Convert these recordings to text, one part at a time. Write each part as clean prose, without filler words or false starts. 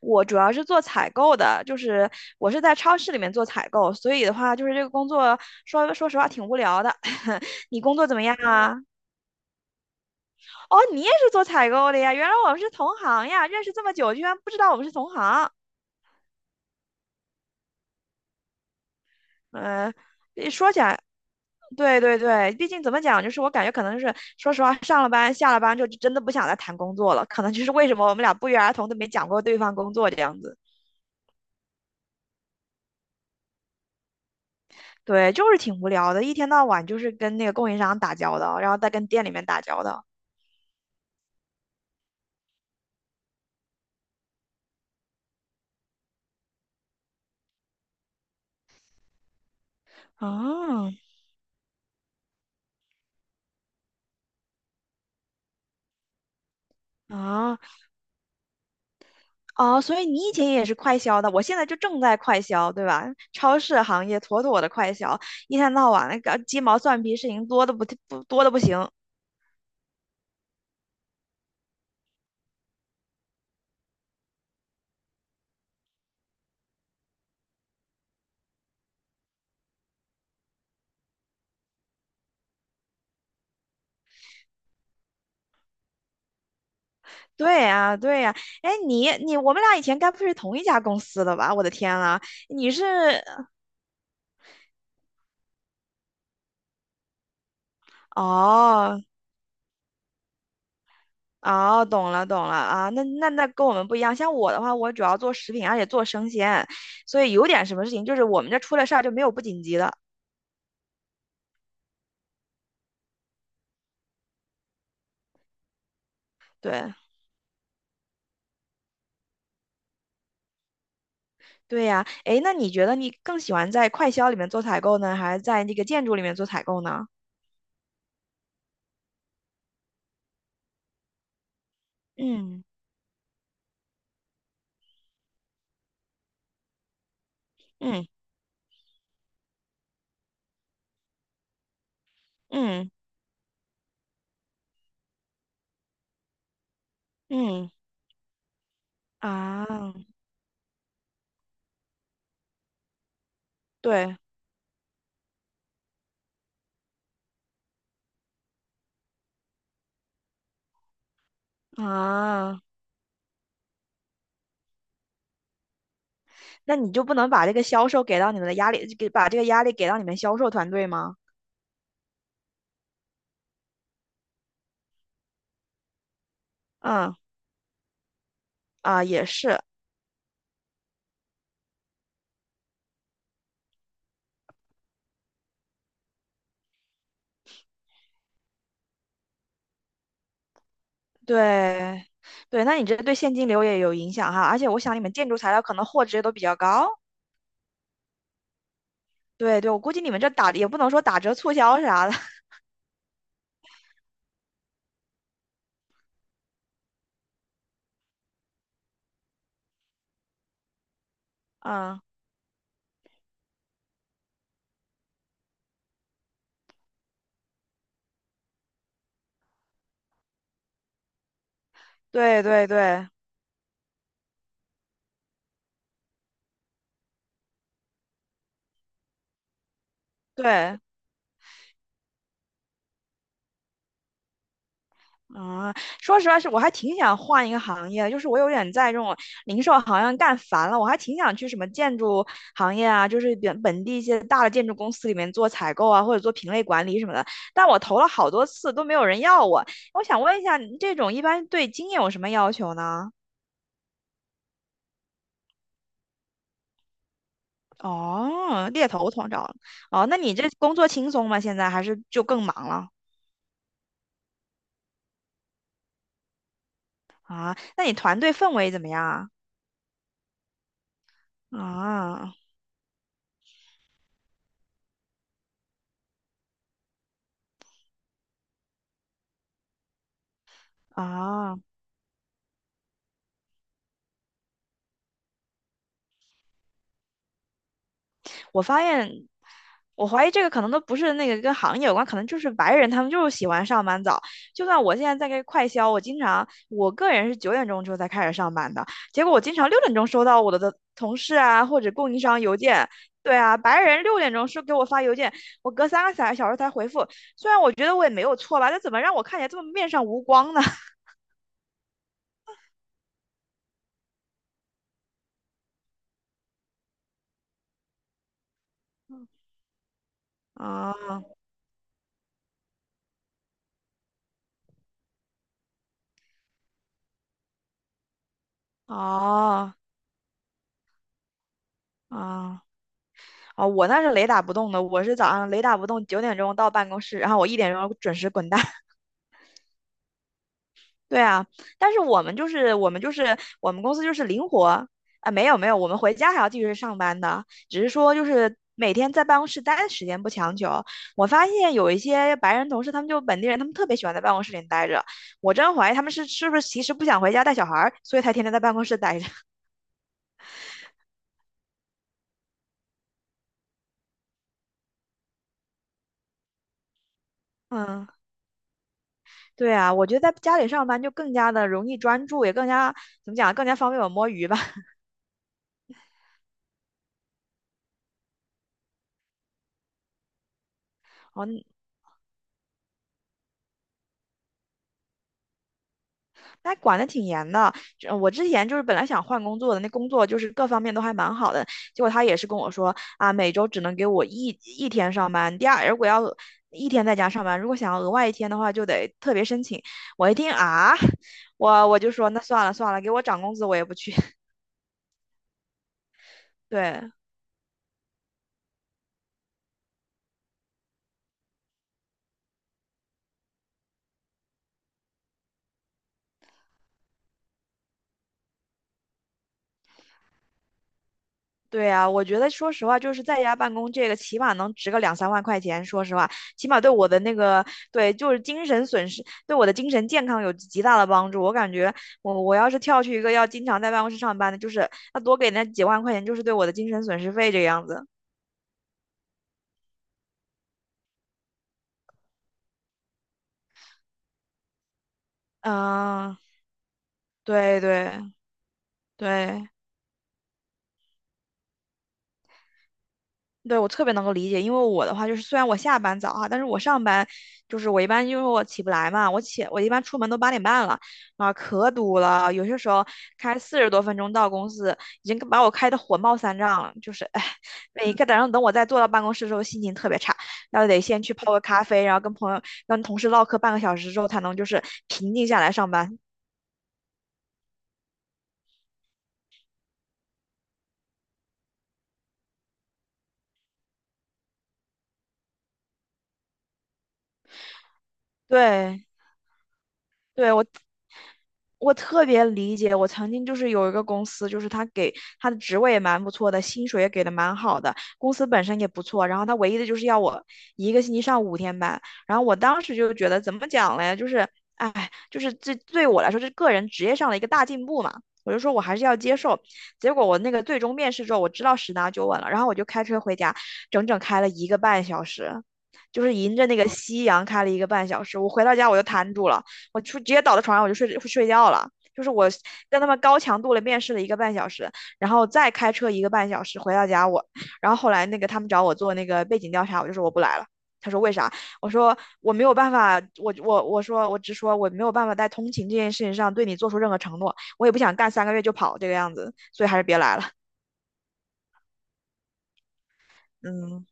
我主要是做采购的，就是我是在超市里面做采购，所以的话，就是这个工作说实话挺无聊的。你工作怎么样啊？哦，你也是做采购的呀？原来我们是同行呀！认识这么久，居然不知道我们是同行。嗯，一说起来，对对对，毕竟怎么讲，就是我感觉可能是，说实话，上了班下了班就真的不想再谈工作了，可能就是为什么我们俩不约而同的没讲过对方工作这样子。对，就是挺无聊的，一天到晚就是跟那个供应商打交道，然后再跟店里面打交道。啊啊啊！所以你以前也是快销的，我现在就正在快销，对吧？超市行业妥妥的快销，一天到晚那个鸡毛蒜皮事情多的不行。对呀，对呀，哎，你我们俩以前该不是同一家公司的吧？我的天啊，你是。哦，哦，懂了懂了啊，那跟我们不一样。像我的话，我主要做食品，而且做生鲜，所以有点什么事情，就是我们这出了事儿就没有不紧急的。对对呀，诶，那你觉得你更喜欢在快销里面做采购呢，还是在那个建筑里面做采购呢？嗯嗯嗯嗯。啊，对啊，那你就不能把这个销售给到你们的压力，给把这个压力给到你们销售团队吗？嗯。啊，也是对，对，那你这对现金流也有影响哈，而且我想你们建筑材料可能货值也都比较高。对对，我估计你们这打也不能说打折促销啥的，嗯，对对对对，嗯，说实话是我还挺想换一个行业的，就是我有点在这种零售行业干烦了，我还挺想去什么建筑行业啊，就是本地一些大的建筑公司里面做采购啊，或者做品类管理什么的，但我投了好多次都没有人要我。我想问一下，你这种一般对经验有什么要求呢？哦，猎头通道。哦，那你这工作轻松吗？现在还是就更忙了？那你团队氛围怎么样啊？啊啊！我发现，我怀疑这个可能都不是那个跟行业有关，可能就是白人他们就是喜欢上班早。就算我现在在这快销，我经常我个人是九点钟之后才开始上班的，结果我经常六点钟收到我的同事啊或者供应商邮件。对啊，白人六点钟是给我发邮件，我隔三个小时才回复。虽然我觉得我也没有错吧，但怎么让我看起来这么面上无光呢？啊，啊啊。啊，我那是雷打不动的，我是早上雷打不动，九点钟到办公室，然后我1点钟准时滚蛋。对啊，但是我们公司就是灵活。啊，没有没有，我们回家还要继续上班的，只是说就是每天在办公室待的时间不强求。我发现有一些白人同事，他们就本地人，他们特别喜欢在办公室里待着，我真怀疑他们是不是其实不想回家带小孩儿，所以才天天在办公室待着。嗯。对啊，我觉得在家里上班就更加的容易专注，也更加怎么讲，更加方便我摸鱼吧。哦，那管的挺严的。这我之前就是本来想换工作的，那工作就是各方面都还蛮好的，结果他也是跟我说啊，每周只能给我一天上班，第二如果要一天在家上班，如果想要额外一天的话，就得特别申请。我一听啊，我就说那算了算了，给我涨工资我也不去。对，对啊，我觉得说实话，就是在家办公这个，起码能值个两三万块钱。说实话，起码对我的那个，对，就是精神损失，对我的精神健康有极大的帮助。我感觉我要是跳去一个要经常在办公室上班的，就是那多给那几万块钱，就是对我的精神损失费这个样子。嗯，对对对，对，我特别能够理解，因为我的话就是，虽然我下班早哈，但是我上班就是我一般因为我起不来嘛，我一般出门都8点半了，啊，可堵了，有些时候开40多分钟到公司，已经把我开的火冒三丈了，就是哎，每个早上等我再坐到办公室的时候，心情特别差，那得先去泡个咖啡，然后跟朋友跟同事唠嗑半个小时之后，才能就是平静下来上班。对，对，我特别理解，我曾经就是有一个公司，就是他的职位也蛮不错的，薪水也给的蛮好的，公司本身也不错，然后他唯一的就是要我一个星期上5天班，然后我当时就觉得怎么讲嘞，就是，哎，就是这对我来说是个人职业上的一个大进步嘛，我就说我还是要接受。结果我那个最终面试之后，我知道十拿九稳了，然后我就开车回家，整整开了一个半小时，就是迎着那个夕阳开了一个半小时，我回到家我就瘫住了。直接倒在床上我就睡觉了。就是我跟他们高强度的面试了一个半小时，然后再开车一个半小时回到家我，然后后来那个他们找我做那个背景调查，我就说我不来了。他说为啥？我说我没有办法，我直说我没有办法在通勤这件事情上对你做出任何承诺，我也不想干3个月就跑这个样子，所以还是别来了。嗯。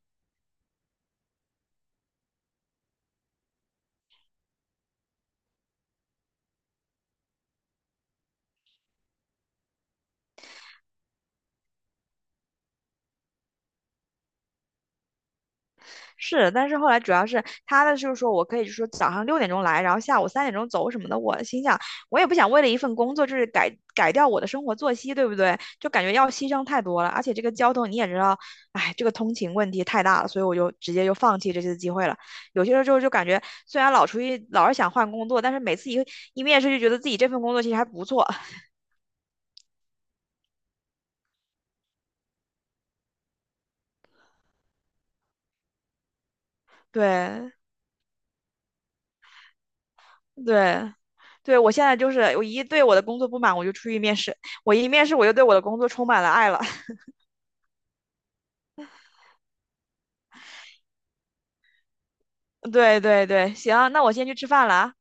是，但是后来主要是他的就是说我可以就说早上六点钟来，然后下午3点钟走什么的。我心想，我也不想为了一份工作就是改掉我的生活作息，对不对？就感觉要牺牲太多了，而且这个交通你也知道，哎，这个通勤问题太大了，所以我就直接就放弃这次机会了。有些时候就感觉虽然老出去老是想换工作，但是每次一面试就觉得自己这份工作其实还不错。对对对，我现在就是我一对我的工作不满，我就出去面试；我一面试我就对我的工作充满了爱了。对对对，行，那我先去吃饭了啊。